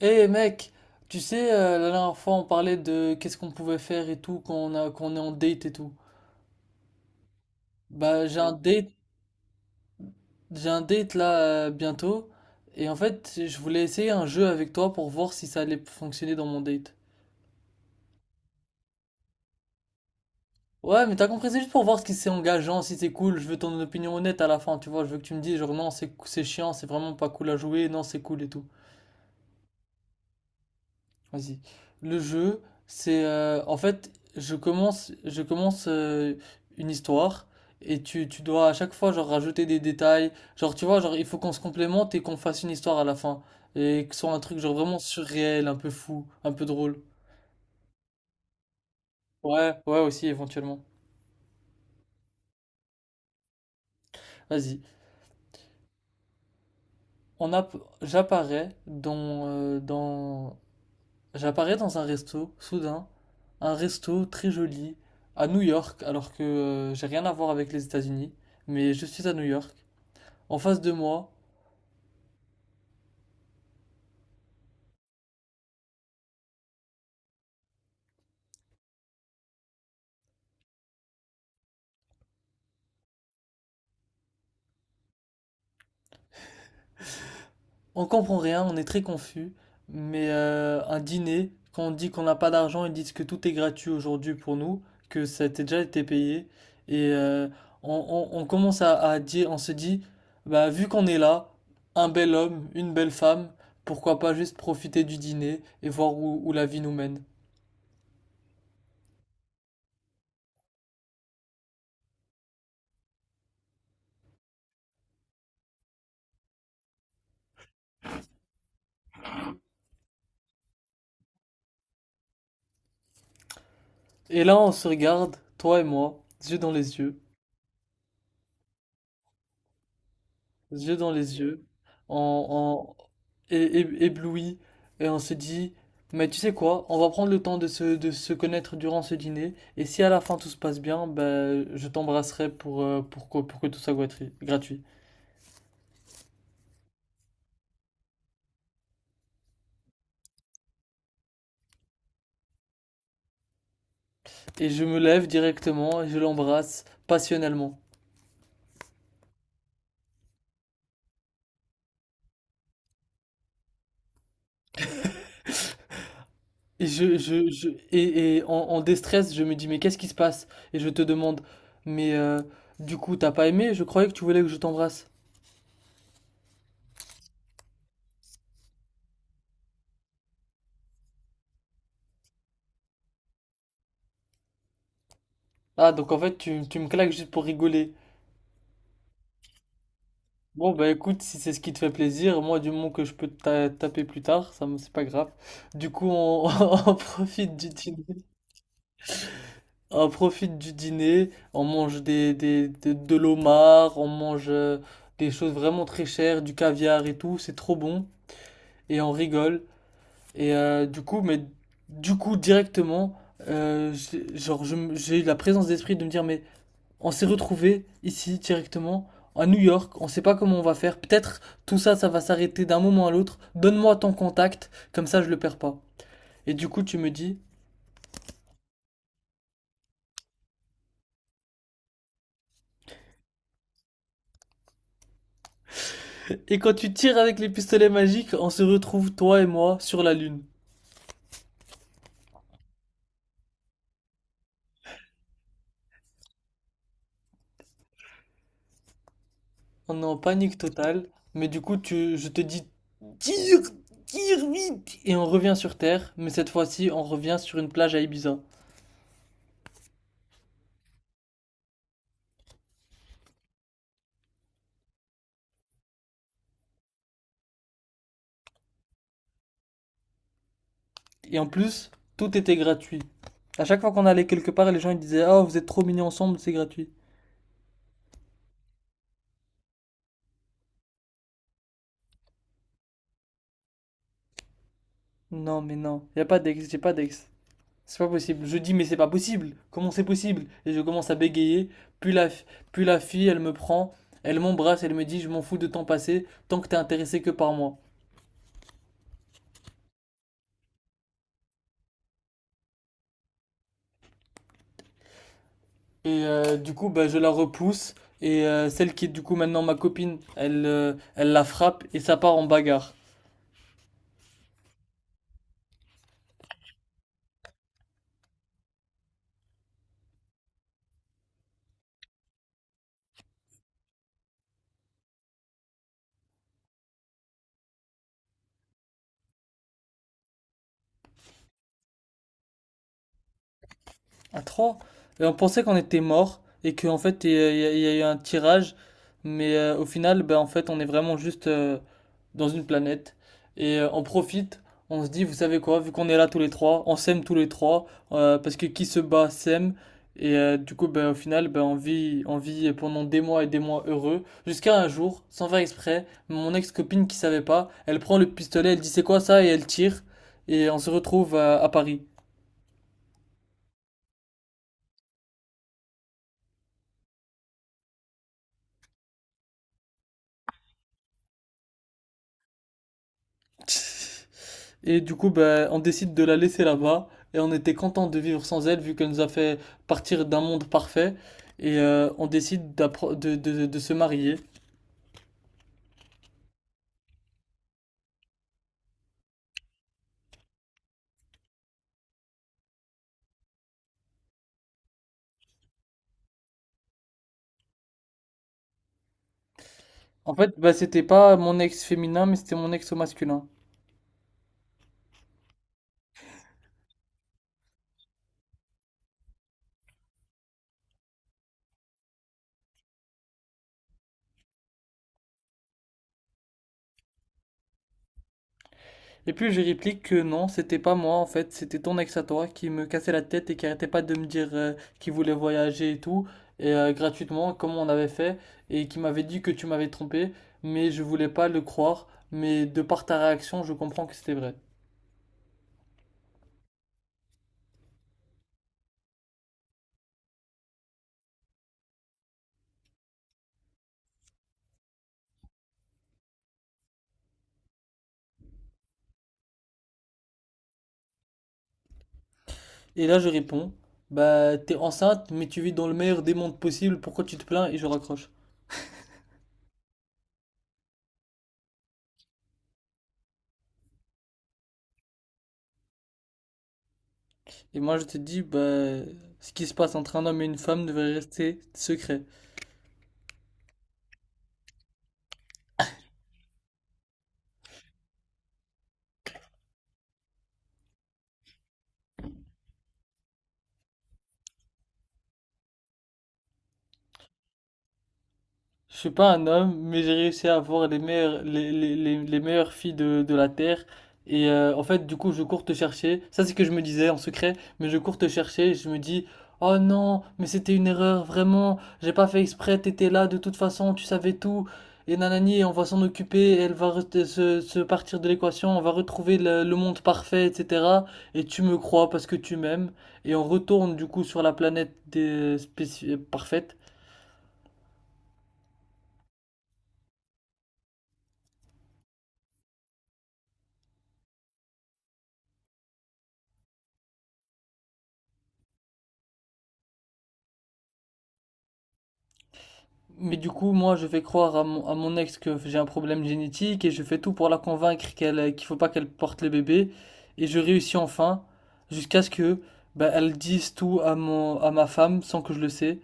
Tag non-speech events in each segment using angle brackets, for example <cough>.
Eh mec, tu sais, la dernière fois on parlait de qu'est-ce qu'on pouvait faire et tout quand quand on est en date et tout. Bah j'ai un date, j'ai un date là bientôt et en fait je voulais essayer un jeu avec toi pour voir si ça allait fonctionner dans mon date. Ouais mais t'as compris, c'est juste pour voir si c'est engageant, si c'est cool, je veux ton opinion honnête à la fin, tu vois, je veux que tu me dises genre non c'est chiant, c'est vraiment pas cool à jouer, non c'est cool et tout. Vas-y. Le jeu, c'est en fait, je commence une histoire et tu dois à chaque fois genre rajouter des détails. Genre tu vois, genre il faut qu'on se complémente et qu'on fasse une histoire à la fin et que ce soit un truc genre vraiment surréel, un peu fou, un peu drôle. Ouais, ouais aussi éventuellement. Vas-y. On a, j'apparais dans J'apparais dans un resto, soudain, un resto très joli, à New York, alors que j'ai rien à voir avec les États-Unis, mais je suis à New York. En face de moi, on comprend rien, on est très confus, mais un dîner, quand on dit qu'on n'a pas d'argent, ils disent que tout est gratuit aujourd'hui pour nous, que déjà été payé, et on commence à dire, on se dit, bah vu qu'on est là, un bel homme, une belle femme, pourquoi pas juste profiter du dîner et voir où la vie nous mène. Et là, on se regarde, toi et moi, yeux dans les yeux, yeux dans les yeux, en, en é- ébloui, et on se dit, mais tu sais quoi, on va prendre le temps de de se connaître durant ce dîner, et si à la fin tout se passe bien, ben, je t'embrasserai pour que tout soit gratuit, gratuit. Et je me lève directement, et je l'embrasse passionnellement. Et en déstress, je me dis, mais qu'est-ce qui se passe? Et je te demande, mais du coup, t'as pas aimé? Je croyais que tu voulais que je t'embrasse. Ah, donc en fait, tu me claques juste pour rigoler. Bon, bah écoute, si c'est ce qui te fait plaisir, moi, du moment que je peux taper plus tard, c'est pas grave. Du coup, on, <laughs> on profite du dîner. On profite du dîner, on mange de l'homard, on mange des choses vraiment très chères, du caviar et tout, c'est trop bon. Et on rigole. Et du coup, directement, j'ai eu la présence d'esprit de me dire, mais. On s'est retrouvé ici directement à New York. On ne sait pas comment on va faire. Peut-être tout ça, ça va s'arrêter d'un moment à l'autre. Donne-moi ton contact, comme ça je le perds pas. Et du coup, tu me dis. Et quand tu tires avec les pistolets magiques, on se retrouve toi et moi sur la lune. On est en panique totale. Mais du coup, je te dis tire, tire vite. Et on revient sur Terre. Mais cette fois-ci, on revient sur une plage à Ibiza. Et en plus, tout était gratuit. À chaque fois qu'on allait quelque part, les gens ils disaient ah oh, vous êtes trop mignons ensemble, c'est gratuit. Non, mais non. Y a pas d'ex, j'ai pas d'ex. C'est pas possible. Je dis, mais c'est pas possible. Comment c'est possible? Et je commence à bégayer. Puis la, fi- puis la fille, elle me prend, elle m'embrasse, elle me dit, je m'en fous de temps passé, tant que t'es intéressé que par moi. Et du coup, bah, je la repousse. Et celle qui est du coup maintenant ma copine, elle, elle la frappe et ça part en bagarre. À trois. Et on pensait qu'on était mort et qu'en fait, il y a eu un tirage. Mais au final, bah, en fait, on est vraiment juste dans une planète et on profite. On se dit, vous savez quoi, vu qu'on est là tous les trois, on s'aime tous les trois parce que qui se bat s'aime. Et du coup, ben, au final, ben, on vit pendant des mois et des mois heureux. Jusqu'à un jour, sans faire exprès, mon ex-copine qui savait pas, elle prend le pistolet, elle dit c'est quoi ça et elle tire. Et on se retrouve à Paris. <laughs> Et du coup, ben, on décide de la laisser là-bas. Et on était content de vivre sans elle, vu qu'elle nous a fait partir d'un monde parfait. Et on décide de se marier. En fait, ben, c'était pas mon ex féminin, mais c'était mon ex au masculin. Et puis je réplique que non, c'était pas moi en fait, c'était ton ex à toi qui me cassait la tête et qui arrêtait pas de me dire qu'il voulait voyager et tout, et gratuitement, comme on avait fait, et qui m'avait dit que tu m'avais trompé, mais je voulais pas le croire, mais de par ta réaction, je comprends que c'était vrai. Et là, je réponds, bah, t'es enceinte, mais tu vis dans le meilleur des mondes possible, pourquoi tu te plains? Et je raccroche. Et moi, je te dis, bah, ce qui se passe entre un homme et une femme devrait rester secret. Je suis pas un homme, mais j'ai réussi à avoir les meilleures filles de la Terre. Et en fait, du coup, je cours te chercher. Ça, c'est ce que je me disais en secret, mais je cours te chercher et je me dis, oh non, mais c'était une erreur, vraiment. J'ai pas fait exprès, t'étais là de toute façon, tu savais tout. Et nanani, et on va s'en occuper, et elle va se partir de l'équation, on va retrouver le monde parfait, etc. Et tu me crois parce que tu m'aimes. Et on retourne du coup sur la planète des spéci- parfaite. Mais du coup, moi, je fais croire à à mon ex que j'ai un problème génétique et je fais tout pour la convaincre qu'elle, qu'il faut pas qu'elle porte le bébé. Et je réussis enfin, jusqu'à ce que bah, elle dise tout à à ma femme sans que je le sais.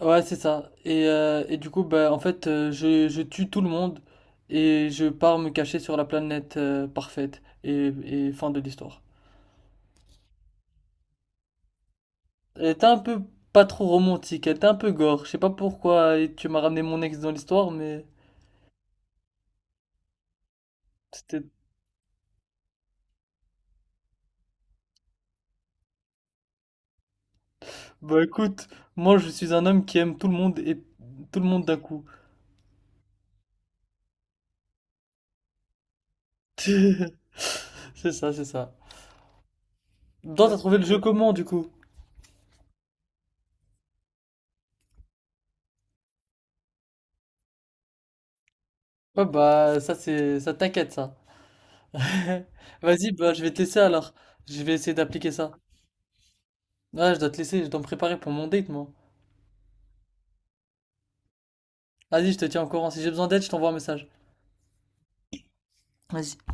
Ouais, c'est ça. Et, du coup, bah, en fait, je tue tout le monde et je pars me cacher sur la planète parfaite. Et fin de l'histoire. Elle était un peu pas trop romantique, elle était un peu gore. Je sais pas pourquoi et tu m'as ramené mon ex dans l'histoire, mais c'était. Bah écoute, moi je suis un homme qui aime tout le monde et tout le monde d'un coup. <laughs> C'est ça, c'est ça. Donc t'as trouvé le jeu comment du coup? Ouais bah ça c'est ça t'inquiète ça. <laughs> Vas-y bah je vais te laisser alors. Je vais essayer d'appliquer ça. Ouais je dois te laisser, je dois me préparer pour mon date moi. Vas-y je te tiens au courant. Si j'ai besoin d'aide, je t'envoie un message. Vas-y.